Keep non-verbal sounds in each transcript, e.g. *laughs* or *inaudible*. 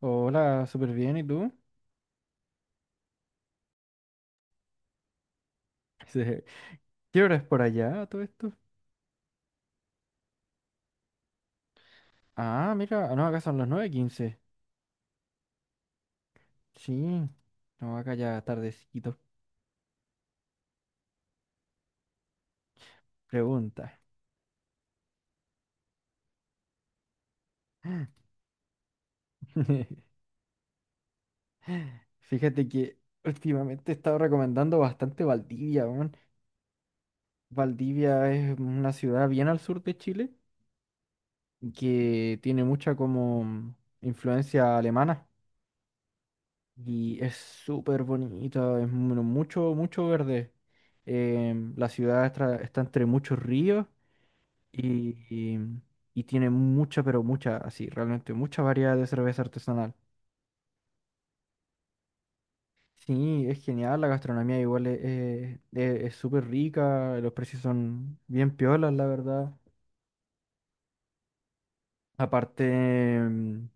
Hola, súper bien, ¿y tú? Dice, ¿qué hora es por allá todo esto? Ah, mira, no, acá son las 9:15. Sí, no, acá ya tardecito. Pregunta. *laughs* Fíjate que últimamente he estado recomendando bastante Valdivia, weón. Valdivia es una ciudad bien al sur de Chile que tiene mucha como influencia alemana. Y es súper bonita, es mucho, mucho verde. La ciudad está entre muchos ríos, y, y, y tiene mucha, pero mucha, así, realmente mucha variedad de cerveza artesanal. Sí, es genial, la gastronomía igual es súper rica, los precios son bien piolas, la verdad. Aparte, em,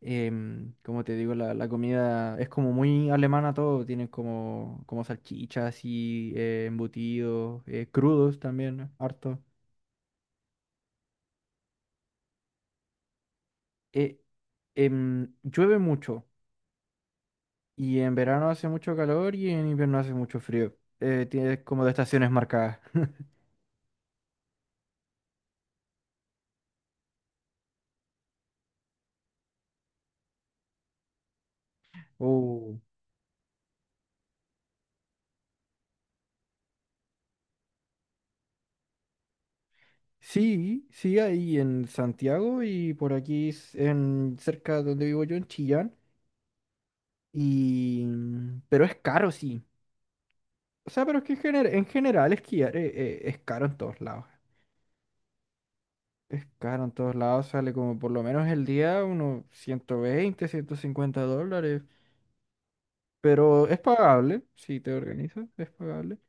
como te digo, la comida es como muy alemana todo, tienen como salchichas y embutidos, crudos también, harto. Eh, Llueve mucho y en verano hace mucho calor y en invierno hace mucho frío. Tiene como de estaciones marcadas. *laughs* Oh. Sí, sí, ahí en Santiago y por aquí en cerca donde vivo yo, en Chillán. Y... Pero es caro, sí. O sea, pero es que en general esquiar es caro en todos lados. Es caro en todos lados, sale como por lo menos el día unos 120, $150. Pero es pagable, si te organizas, es pagable.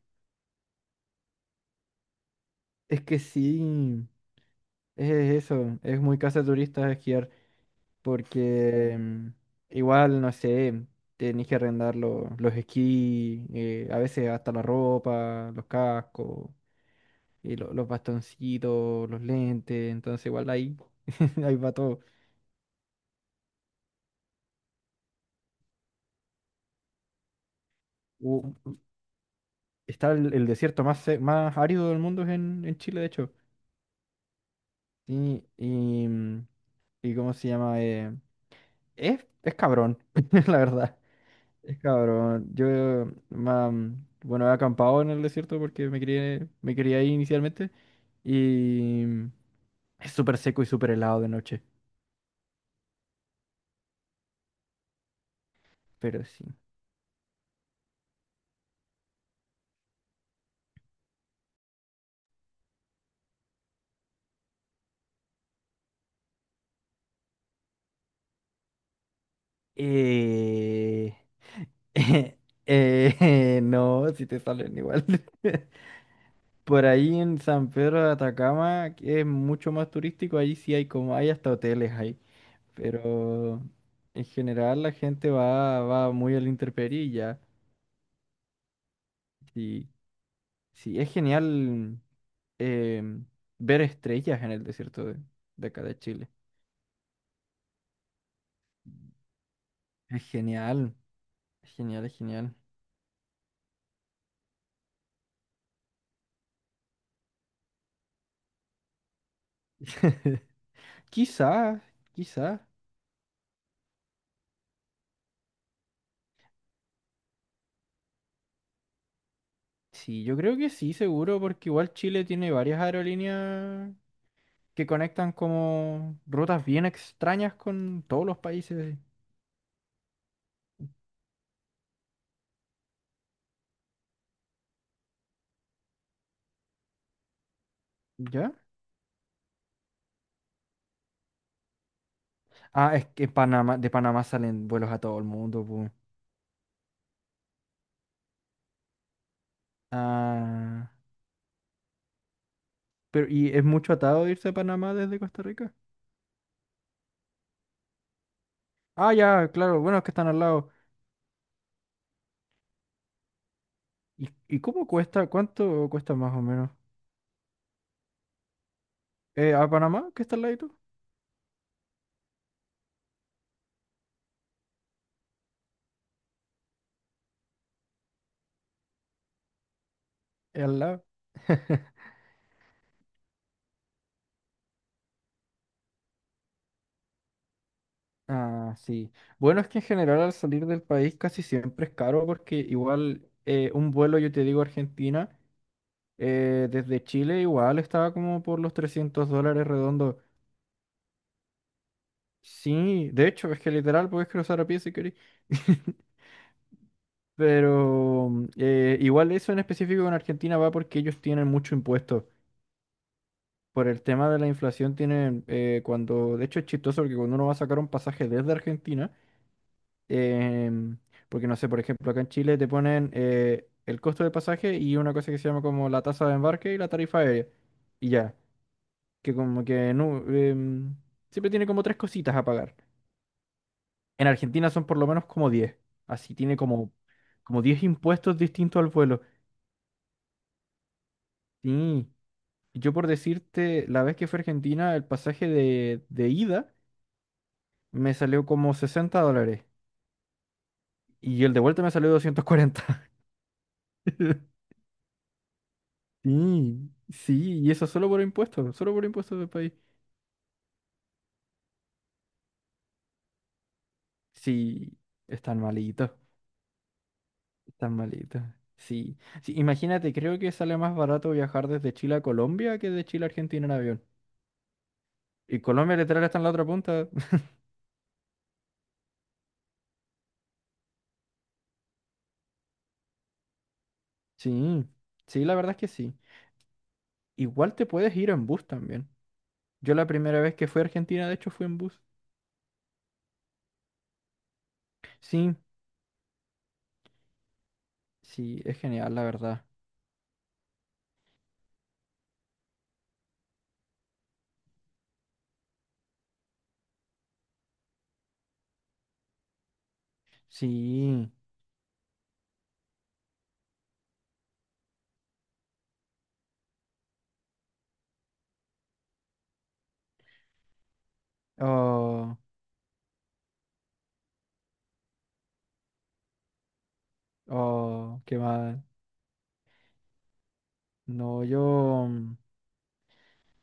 Es que sí, es eso, es muy casa de turistas esquiar, porque igual, no sé, tenés que arrendar los esquís, a veces hasta la ropa, los cascos, y los bastoncitos, los lentes, entonces igual ahí, *laughs* ahí va todo. U- Está el desierto más árido del mundo es en Chile, de hecho. Sí, y, y ¿cómo se llama? Es cabrón, *laughs* la verdad. Es cabrón. Yo, ma- bueno, he acampado en el desierto porque me quería ahí inicialmente y es súper seco y súper helado de noche, pero sí. Eh, *laughs* no, si te salen igual. *laughs* Por ahí en San Pedro de Atacama, que es mucho más turístico, ahí sí hay hasta hoteles ahí. Pero en general la gente va muy al intemperie y ya. Sí, sí, es genial, em, ver estrellas en el desierto de acá de Chile. Es genial, es genial, es genial. *laughs* Quizás, quizás. Sí, yo creo que sí, seguro, porque igual Chile tiene varias aerolíneas que conectan como rutas bien extrañas con todos los países, ¿ya? Ah, es que Panamá, de Panamá salen vuelos a todo el mundo, pues. Ah, pero ¿y es mucho atado irse a Panamá desde Costa Rica? Ah, ya, claro, bueno, es que están al lado. ¿Y cómo cuesta? ¿Cuánto cuesta más o menos? ¿A Panamá? ¿Qué está al lado? Al lado. *laughs* Ah, sí. Bueno, es que en general al salir del país casi siempre es caro porque igual un vuelo, yo te digo, a Argentina, desde Chile igual estaba como por los $300 redondo. Sí, de hecho, es que literal podés cruzar a pie si querés. *laughs* Pero igual eso en específico con Argentina va porque ellos tienen mucho impuesto. Por el tema de la inflación tienen, cuando, de hecho es chistoso porque cuando uno va a sacar un pasaje desde Argentina, em, porque no sé, por ejemplo, acá en Chile te ponen el costo del pasaje y una cosa que se llama como la tasa de embarque y la tarifa aérea. Y ya, que como que no, siempre tiene como tres cositas a pagar. En Argentina son por lo menos como 10, así tiene como, 10 impuestos distintos al vuelo. Sí, yo por decirte, la vez que fui a Argentina, el pasaje de ida me salió como $60 y el de vuelta me salió 240. *laughs* Sí, sí, y eso solo por impuestos del país. Sí, están malitos, están malitos. Sí, sí, imagínate, creo que sale más barato viajar desde Chile a Colombia que de Chile a Argentina en avión. Y Colombia literal está en la otra punta. *laughs* Sí, sí, la verdad es que sí. Igual te puedes ir en bus también. Yo la primera vez que fui a Argentina, de hecho, fui en bus. Sí, sí, es genial, la verdad. Sí. Oh, oh, qué mal. No, yo.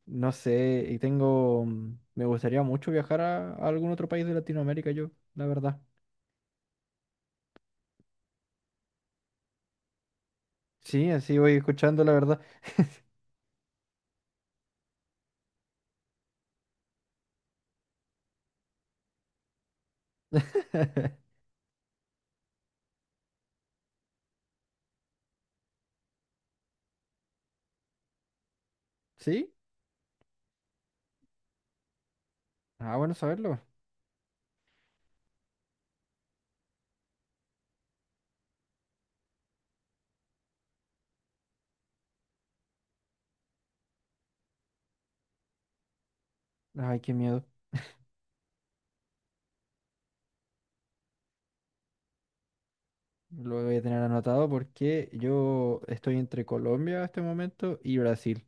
No sé, y tengo, me gustaría mucho viajar a algún otro país de Latinoamérica yo, la verdad. Sí, así voy escuchando la verdad. *laughs* ¿Sí? Ah, bueno, saberlo. Ay, qué miedo. Lo voy a tener anotado porque yo estoy entre Colombia en este momento y Brasil.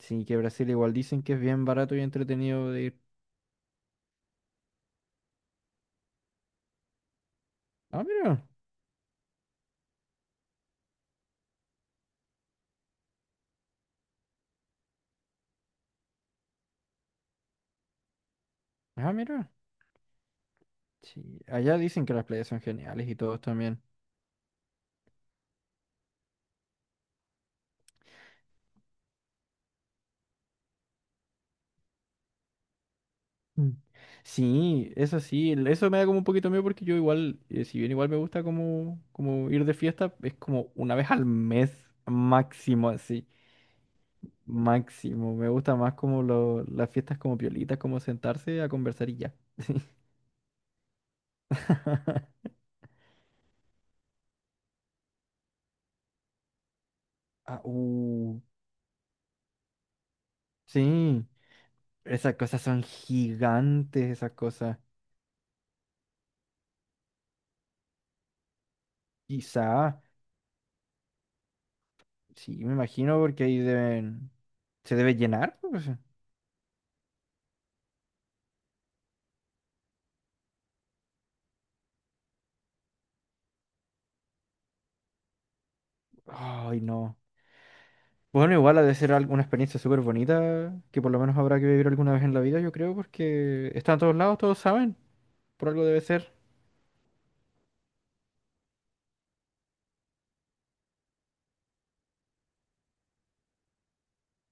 Sí, que Brasil igual dicen que es bien barato y entretenido de ir. Ah, mira. Ah, mira. Sí, allá dicen que las playas son geniales y todos también. Mm. Sí, eso sí, eso me da como un poquito miedo porque yo igual, si bien igual me gusta como ir de fiesta, es como una vez al mes máximo, así, máximo. Me gusta más como las fiestas como piolitas, como sentarse a conversar y ya. *laughs* Ah, uh, Sí, esas cosas son gigantes, esas cosas. Quizá, sí, me imagino porque ahí deben, se debe llenar, pues. Ay, no. Bueno, igual ha de ser alguna experiencia súper bonita, que por lo menos habrá que vivir alguna vez en la vida, yo creo, porque está en todos lados, todos saben, por algo debe ser.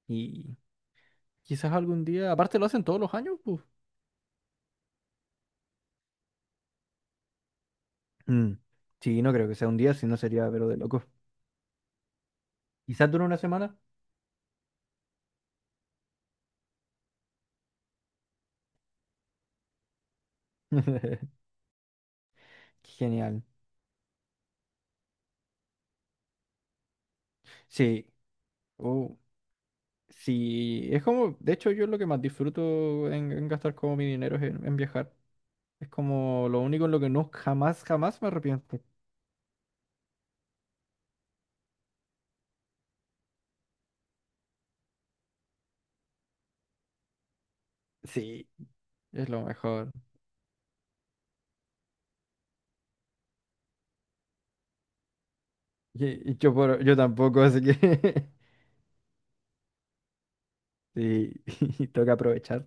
Y quizás algún día, aparte lo hacen todos los años, pues. Mm, sí, no creo que sea un día, si no sería, pero de locos. Quizás dure una semana. *laughs* Genial. Sí, oh, sí, es como, de hecho, yo lo que más disfruto en gastar como mi dinero es en viajar. Es como lo único en lo que no jamás, jamás me arrepiento. Sí, es lo mejor. Y yo, yo tampoco, así que *laughs* sí, *laughs* toca aprovechar.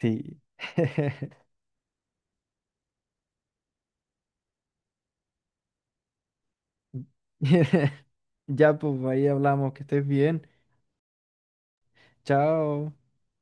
Sí. *laughs* Ya, pues ahí hablamos, que estés bien. Chao.